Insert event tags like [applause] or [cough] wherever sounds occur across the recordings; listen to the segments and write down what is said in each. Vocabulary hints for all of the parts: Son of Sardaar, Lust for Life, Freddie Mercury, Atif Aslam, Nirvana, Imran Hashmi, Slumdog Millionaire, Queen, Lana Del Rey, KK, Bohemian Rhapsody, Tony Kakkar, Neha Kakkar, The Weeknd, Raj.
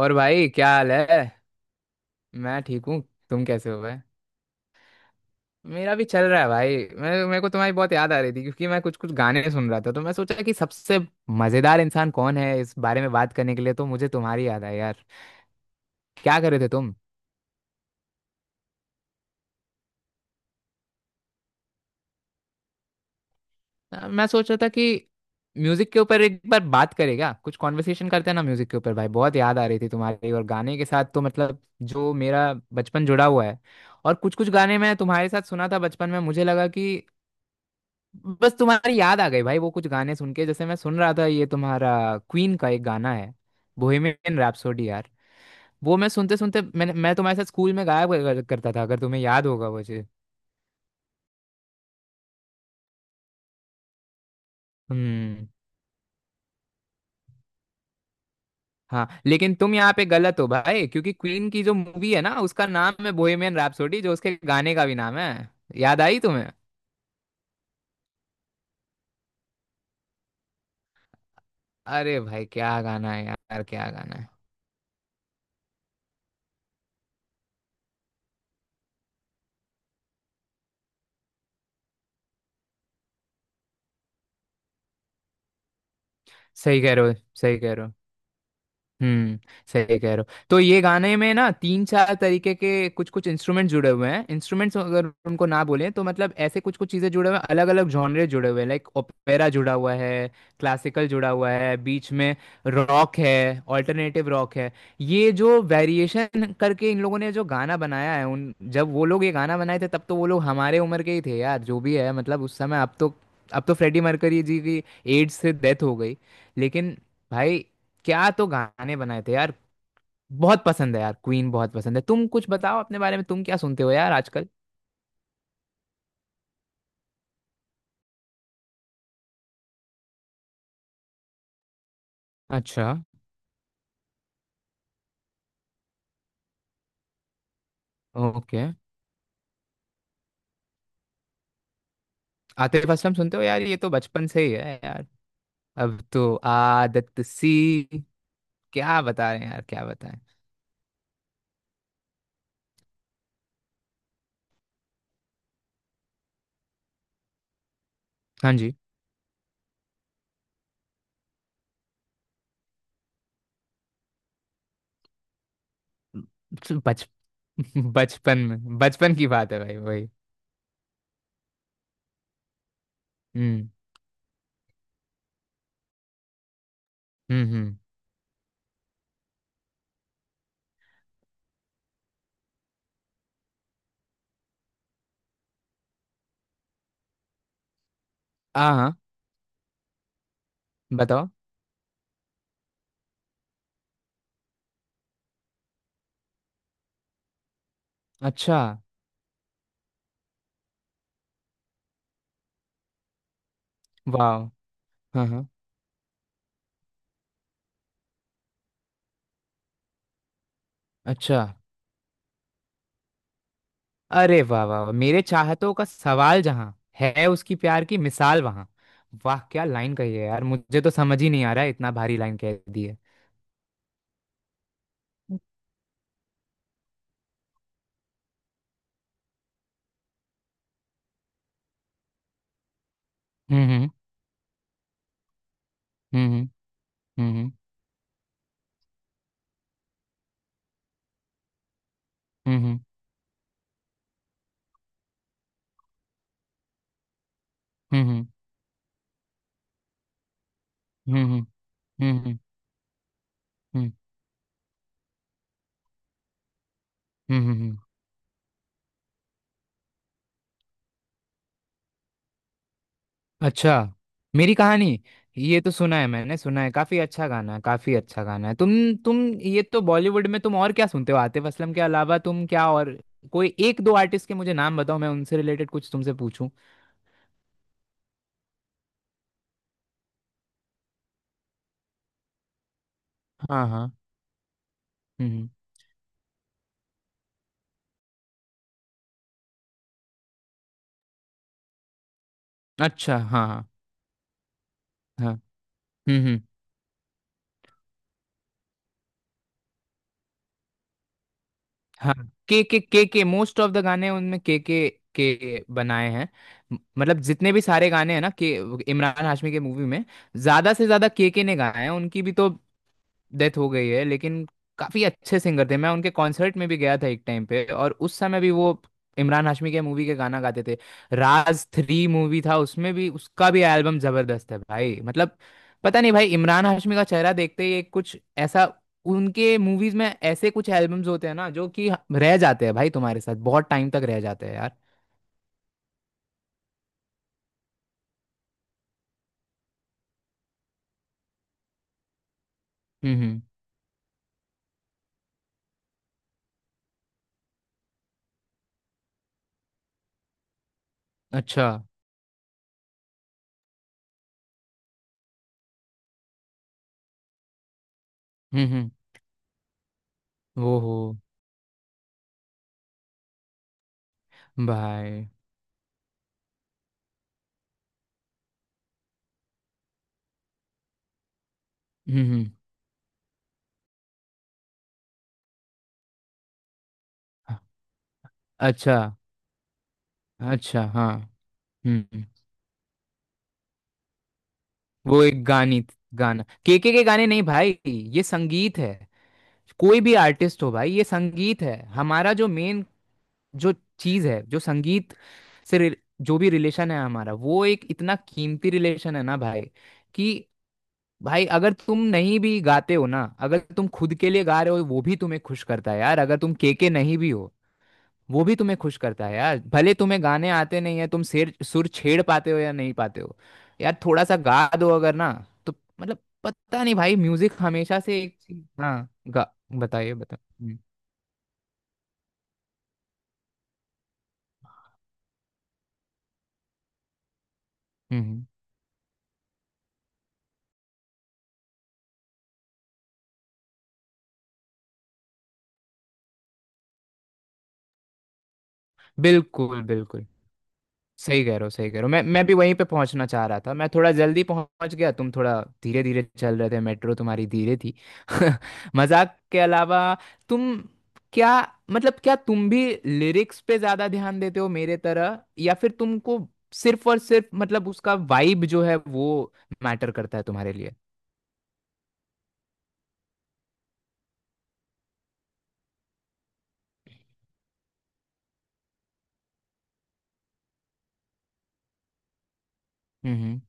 और भाई, क्या हाल है। मैं ठीक हूँ। तुम कैसे हो भाई। मेरा भी चल रहा है भाई। मैं मेरे को तुम्हारी बहुत याद आ रही थी, क्योंकि मैं कुछ कुछ गाने सुन रहा था, तो मैं सोचा कि सबसे मजेदार इंसान कौन है इस बारे में बात करने के लिए, तो मुझे तुम्हारी याद आई यार। क्या कर रहे थे तुम। मैं सोच रहा था कि म्यूजिक के ऊपर एक बार बात करें, क्या कुछ कॉन्वर्सेशन करते हैं ना म्यूजिक के ऊपर। भाई बहुत याद आ रही थी तुम्हारी, और गाने के साथ तो मतलब जो मेरा बचपन जुड़ा हुआ है। और कुछ कुछ गाने मैं तुम्हारे साथ सुना था बचपन में, मुझे लगा कि बस तुम्हारी याद आ गई भाई वो कुछ गाने सुन के, जैसे मैं सुन रहा था ये तुम्हारा क्वीन का एक गाना है, बोहेमियन रैप्सोडी यार। वो मैं सुनते सुनते मैं तुम्हारे साथ स्कूल में गाया करता था, अगर तुम्हें याद होगा वो चीज। हम्म। हाँ, लेकिन तुम यहाँ पे गलत हो भाई, क्योंकि क्वीन की जो मूवी है ना उसका नाम है बोहेमियन रैप्सोडी, जो उसके गाने का भी नाम है। याद आई तुम्हें। अरे भाई क्या गाना है यार, क्या गाना है। सही कह रहे हो। सही कह रहे हो। हम्म। सही कह रहे हो। तो ये गाने में ना तीन चार तरीके के कुछ कुछ इंस्ट्रूमेंट जुड़े हुए हैं, इंस्ट्रूमेंट्स अगर उनको ना बोले तो मतलब ऐसे कुछ कुछ चीजें जुड़े हुए हैं, अलग अलग जॉनरे जुड़े हुए हैं, लाइक ओपेरा जुड़ा हुआ है, क्लासिकल जुड़ा हुआ है बीच में, रॉक है, ऑल्टरनेटिव रॉक है। ये जो वेरिएशन करके इन लोगों ने जो गाना बनाया है, उन जब वो लोग ये गाना बनाए थे तब तो वो लोग हमारे उम्र के ही थे यार। जो भी है मतलब उस समय, अब तो फ्रेडी मर्करी जी की एड्स से डेथ हो गई, लेकिन भाई क्या तो गाने बनाए थे यार। बहुत पसंद है यार, क्वीन बहुत पसंद है। तुम कुछ बताओ अपने बारे में, तुम क्या सुनते हो यार आजकल। अच्छा। ओके। आतिफ असलम सुनते हो यार, ये तो बचपन से ही है यार, अब तो आदत सी। क्या बता रहे हैं यार, क्या बताएं। हाँ जी। बच बचपन में, बचपन की बात है भाई वही। हम्म। हम्म। हम्म। हाँ हाँ। बताओ। अच्छा। वाह। हाँ हाँ। अच्छा। अरे वाह वाह वाह, मेरे चाहतों का सवाल जहाँ है, उसकी प्यार की मिसाल वहाँ। वाह, क्या लाइन कही है यार, मुझे तो समझ ही नहीं आ रहा है, इतना भारी लाइन कह दी है। हम्म। हम्म। हम्म। हम्म। हम्म। हम्म। हम्म। हम्म। हम्म। हम्म। हम्म। हम्म। हम्म। हम्म। हम्म। हम्म। हम्म। हम्म। अच्छा। मेरी कहानी। ये तो सुना है, मैंने सुना है, काफी अच्छा गाना है, काफी अच्छा गाना है। तुम ये तो बॉलीवुड में, तुम और क्या सुनते हो आतिफ असलम के अलावा, तुम क्या और कोई एक दो आर्टिस्ट के मुझे नाम बताओ, मैं उनसे रिलेटेड कुछ तुमसे पूछूं। हाँ हाँ। अच्छा। हाँ हाँ। हाँ। हम्म। हाँ। के मोस्ट ऑफ द गाने उनमें के बनाए हैं, मतलब जितने भी सारे गाने हैं ना के इमरान हाशमी के मूवी में ज्यादा से ज्यादा के ने गाए हैं, उनकी भी तो डेथ हो गई है, लेकिन काफी अच्छे सिंगर थे। मैं उनके कॉन्सर्ट में भी गया था एक टाइम पे, और उस समय भी वो इमरान हाशमी के मूवी के गाना गाते थे। राज थ्री मूवी था, उसमें भी उसका भी एल्बम जबरदस्त है भाई मतलब, पता नहीं भाई इमरान हाशमी का चेहरा देखते ही एक कुछ ऐसा, उनके मूवीज में ऐसे कुछ एल्बम्स होते हैं ना, जो कि रह जाते हैं भाई, तुम्हारे साथ बहुत टाइम तक रह जाते हैं यार। हम्म। अच्छा। हम्म। वो हो भाई। हम्म। अच्छा अच्छा। हाँ। हम्म। वो एक गानित गाना केके के गाने नहीं भाई, ये संगीत है। कोई भी आर्टिस्ट हो भाई, ये संगीत है हमारा जो मेन, जो चीज है, जो संगीत से जो भी रिलेशन है हमारा, वो एक इतना कीमती रिलेशन है ना भाई। कि भाई अगर तुम नहीं भी गाते हो ना, अगर तुम खुद के लिए गा रहे हो वो भी तुम्हें खुश करता है यार, अगर तुम केके नहीं भी हो वो भी तुम्हें खुश करता है यार, भले तुम्हें गाने आते नहीं है, तुम सिर सुर छेड़ पाते हो या नहीं पाते हो। यार थोड़ा सा गा दो अगर ना, तो मतलब पता नहीं भाई, म्यूजिक हमेशा से एक चीज। हाँ गा। बताइए। बताओ। हम्म हम्म। हम्म। बिल्कुल बिल्कुल। सही कह रहे हो, सही कह रहे हो, मैं भी वहीं पे पहुंचना चाह रहा था, मैं थोड़ा जल्दी पहुंच गया, तुम थोड़ा धीरे धीरे चल रहे थे, मेट्रो तुम्हारी धीरे थी। [laughs] मजाक के अलावा, तुम क्या मतलब क्या तुम भी लिरिक्स पे ज्यादा ध्यान देते हो मेरे तरह, या फिर तुमको सिर्फ और सिर्फ मतलब उसका वाइब जो है वो मैटर करता है तुम्हारे लिए। हम्म।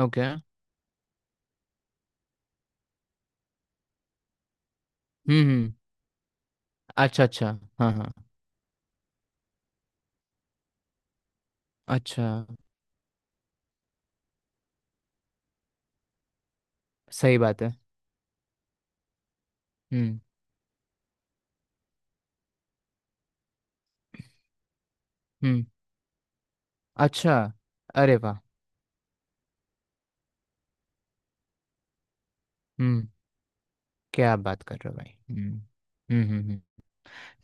ओके। हम्म। अच्छा अच्छा। हाँ हाँ। अच्छा। सही बात है। हम्म हम्म। अच्छा। अरे वाह। क्या बात कर रहे हो भाई। हम्म। हम्म हम्म हम्म।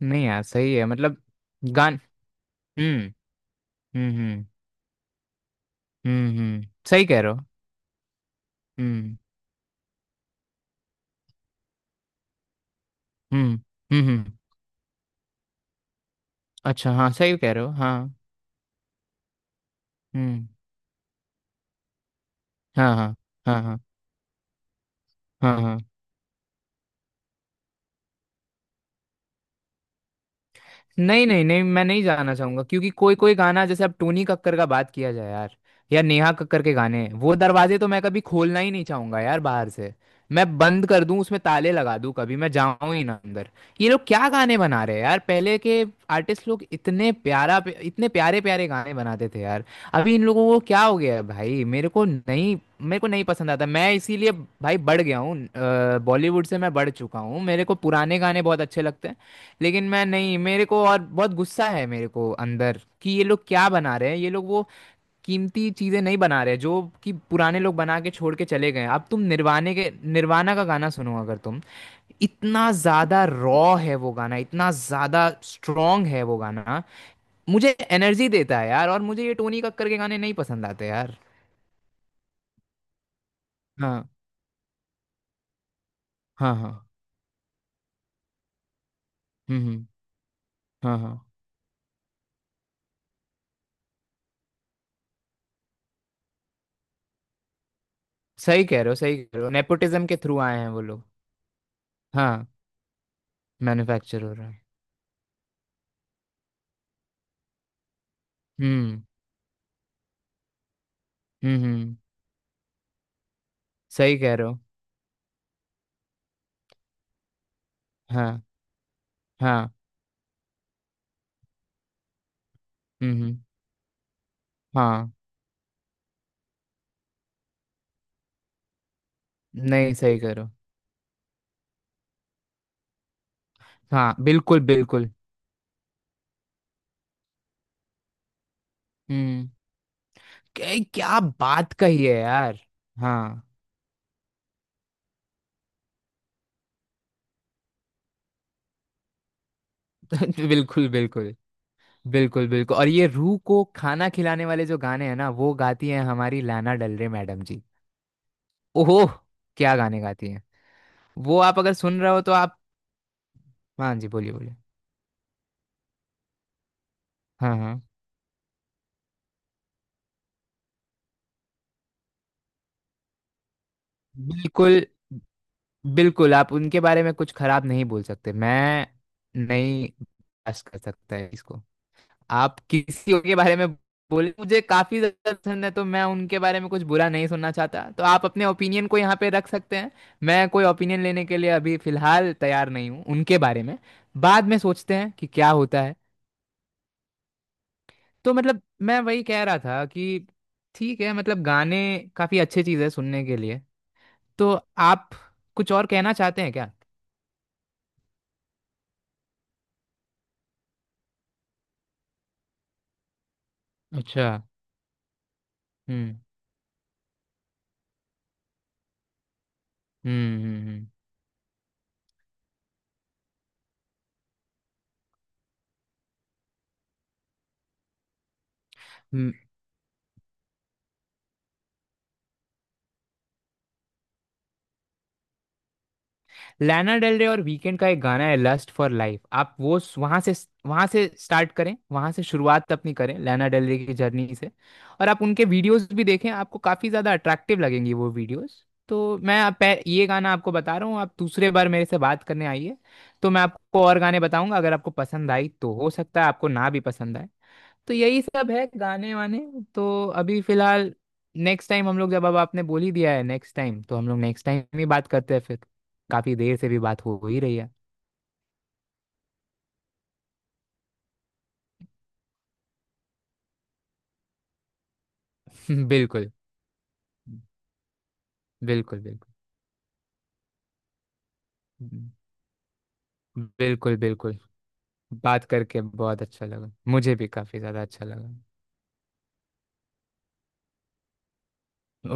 नहीं यार सही है मतलब, गान हम्म हम्म हम्म सही कह रहे हो। हम्म हम्म हम्म हम्म। अच्छा हाँ, सही कह रहे हो हाँ। हम्म। हाँ हाँ। हाँ हाँ। हाँ हाँ। नहीं नहीं नहीं, मैं नहीं जाना चाहूंगा, क्योंकि कोई कोई गाना जैसे अब टोनी कक्कर का बात किया जाए यार, या नेहा कक्कर के गाने वो दरवाजे तो मैं कभी खोलना ही नहीं चाहूंगा यार, बाहर से मैं बंद कर दूं, उसमें ताले लगा दूं, कभी मैं जाऊं ही ना अंदर। ये लोग क्या गाने बना रहे हैं यार, पहले के आर्टिस्ट लोग इतने प्यारा, इतने प्यारे प्यारे गाने बनाते थे यार। अभी इन लोगों को क्या हो गया है भाई, मेरे को नहीं, मेरे को नहीं पसंद आता, मैं इसीलिए भाई बढ़ गया हूँ बॉलीवुड से मैं बढ़ चुका हूँ, मेरे को पुराने गाने बहुत अच्छे लगते हैं। लेकिन मैं नहीं, मेरे को और बहुत गुस्सा है मेरे को अंदर कि ये लोग क्या बना रहे हैं, ये लोग वो कीमती चीजें नहीं बना रहे जो कि पुराने लोग बना के छोड़ के चले गए हैं। अब तुम निर्वाणे के निर्वाणा का गाना सुनो अगर तुम, इतना ज्यादा रॉ है वो गाना, इतना ज्यादा स्ट्रॉन्ग है वो गाना, मुझे एनर्जी देता है यार, और मुझे ये टोनी कक्कर के गाने नहीं पसंद आते यार। हाँ हाँ हाँ। हम्म। हाँ हाँ। सही कह रहे हो, सही कह रहे हो, नेपोटिज्म के थ्रू आए हैं वो लोग। हाँ। मैन्युफैक्चर हो रहा है। हम्म। हम्म हम्म, सही कह रहे हो। हाँ हाँ। हम्म। हाँ। नहीं, सही कह रहे हो। हाँ बिल्कुल बिल्कुल। हम्म। क्या क्या बात कही है यार। हाँ। [laughs] बिल्कुल बिल्कुल। बिल्कुल बिल्कुल, और ये रूह को खाना खिलाने वाले जो गाने हैं ना, वो गाती हैं हमारी लाना डल रे मैडम जी। ओहो, क्या गाने गाती हैं, वो आप अगर सुन रहे हो तो आप। हाँ जी, बोलिए बोलिए। हाँ हाँ। बिल्कुल बिल्कुल, आप उनके बारे में कुछ खराब नहीं बोल सकते, मैं नहीं बर्दाश्त कर सकता है इसको। आप किसी के बारे में बोले मुझे काफी ज्यादा पसंद है, तो मैं उनके बारे में कुछ बुरा नहीं सुनना चाहता, तो आप अपने ओपिनियन को यहाँ पे रख सकते हैं, मैं कोई ओपिनियन लेने के लिए अभी फिलहाल तैयार नहीं हूँ उनके बारे में, बाद में सोचते हैं कि क्या होता है। तो मतलब मैं वही कह रहा था कि ठीक है मतलब गाने काफी अच्छी चीज है सुनने के लिए। तो आप कुछ और कहना चाहते हैं क्या। अच्छा। हम्म हम्म हम्म हम्म। लाना डेल रे और वीकेंड का एक गाना है लस्ट फॉर लाइफ, आप वो वहां से, वहां से स्टार्ट करें, वहां से शुरुआत अपनी करें लाना डेल रे की जर्नी से, और आप उनके वीडियोस भी देखें, आपको काफी ज्यादा अट्रैक्टिव लगेंगी वो वीडियोस। तो मैं आप ये गाना आपको बता रहा हूँ, आप दूसरे बार मेरे से बात करने आइए, तो मैं आपको और गाने बताऊंगा, अगर आपको पसंद आई तो, हो सकता है आपको ना भी पसंद आए। तो यही सब है गाने वाने। तो अभी फिलहाल नेक्स्ट टाइम हम लोग, जब अब आपने बोल ही दिया है नेक्स्ट टाइम, तो हम लोग नेक्स्ट टाइम ही बात करते हैं फिर, काफी देर से भी बात हो ही रही है। [laughs] बिल्कुल बिल्कुल। बिल्कुल बिल्कुल बिल्कुल। बात करके बहुत अच्छा लगा, मुझे भी काफी ज्यादा अच्छा लगा।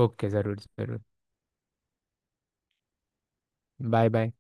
ओके। जरूर जरूर। Bye bye.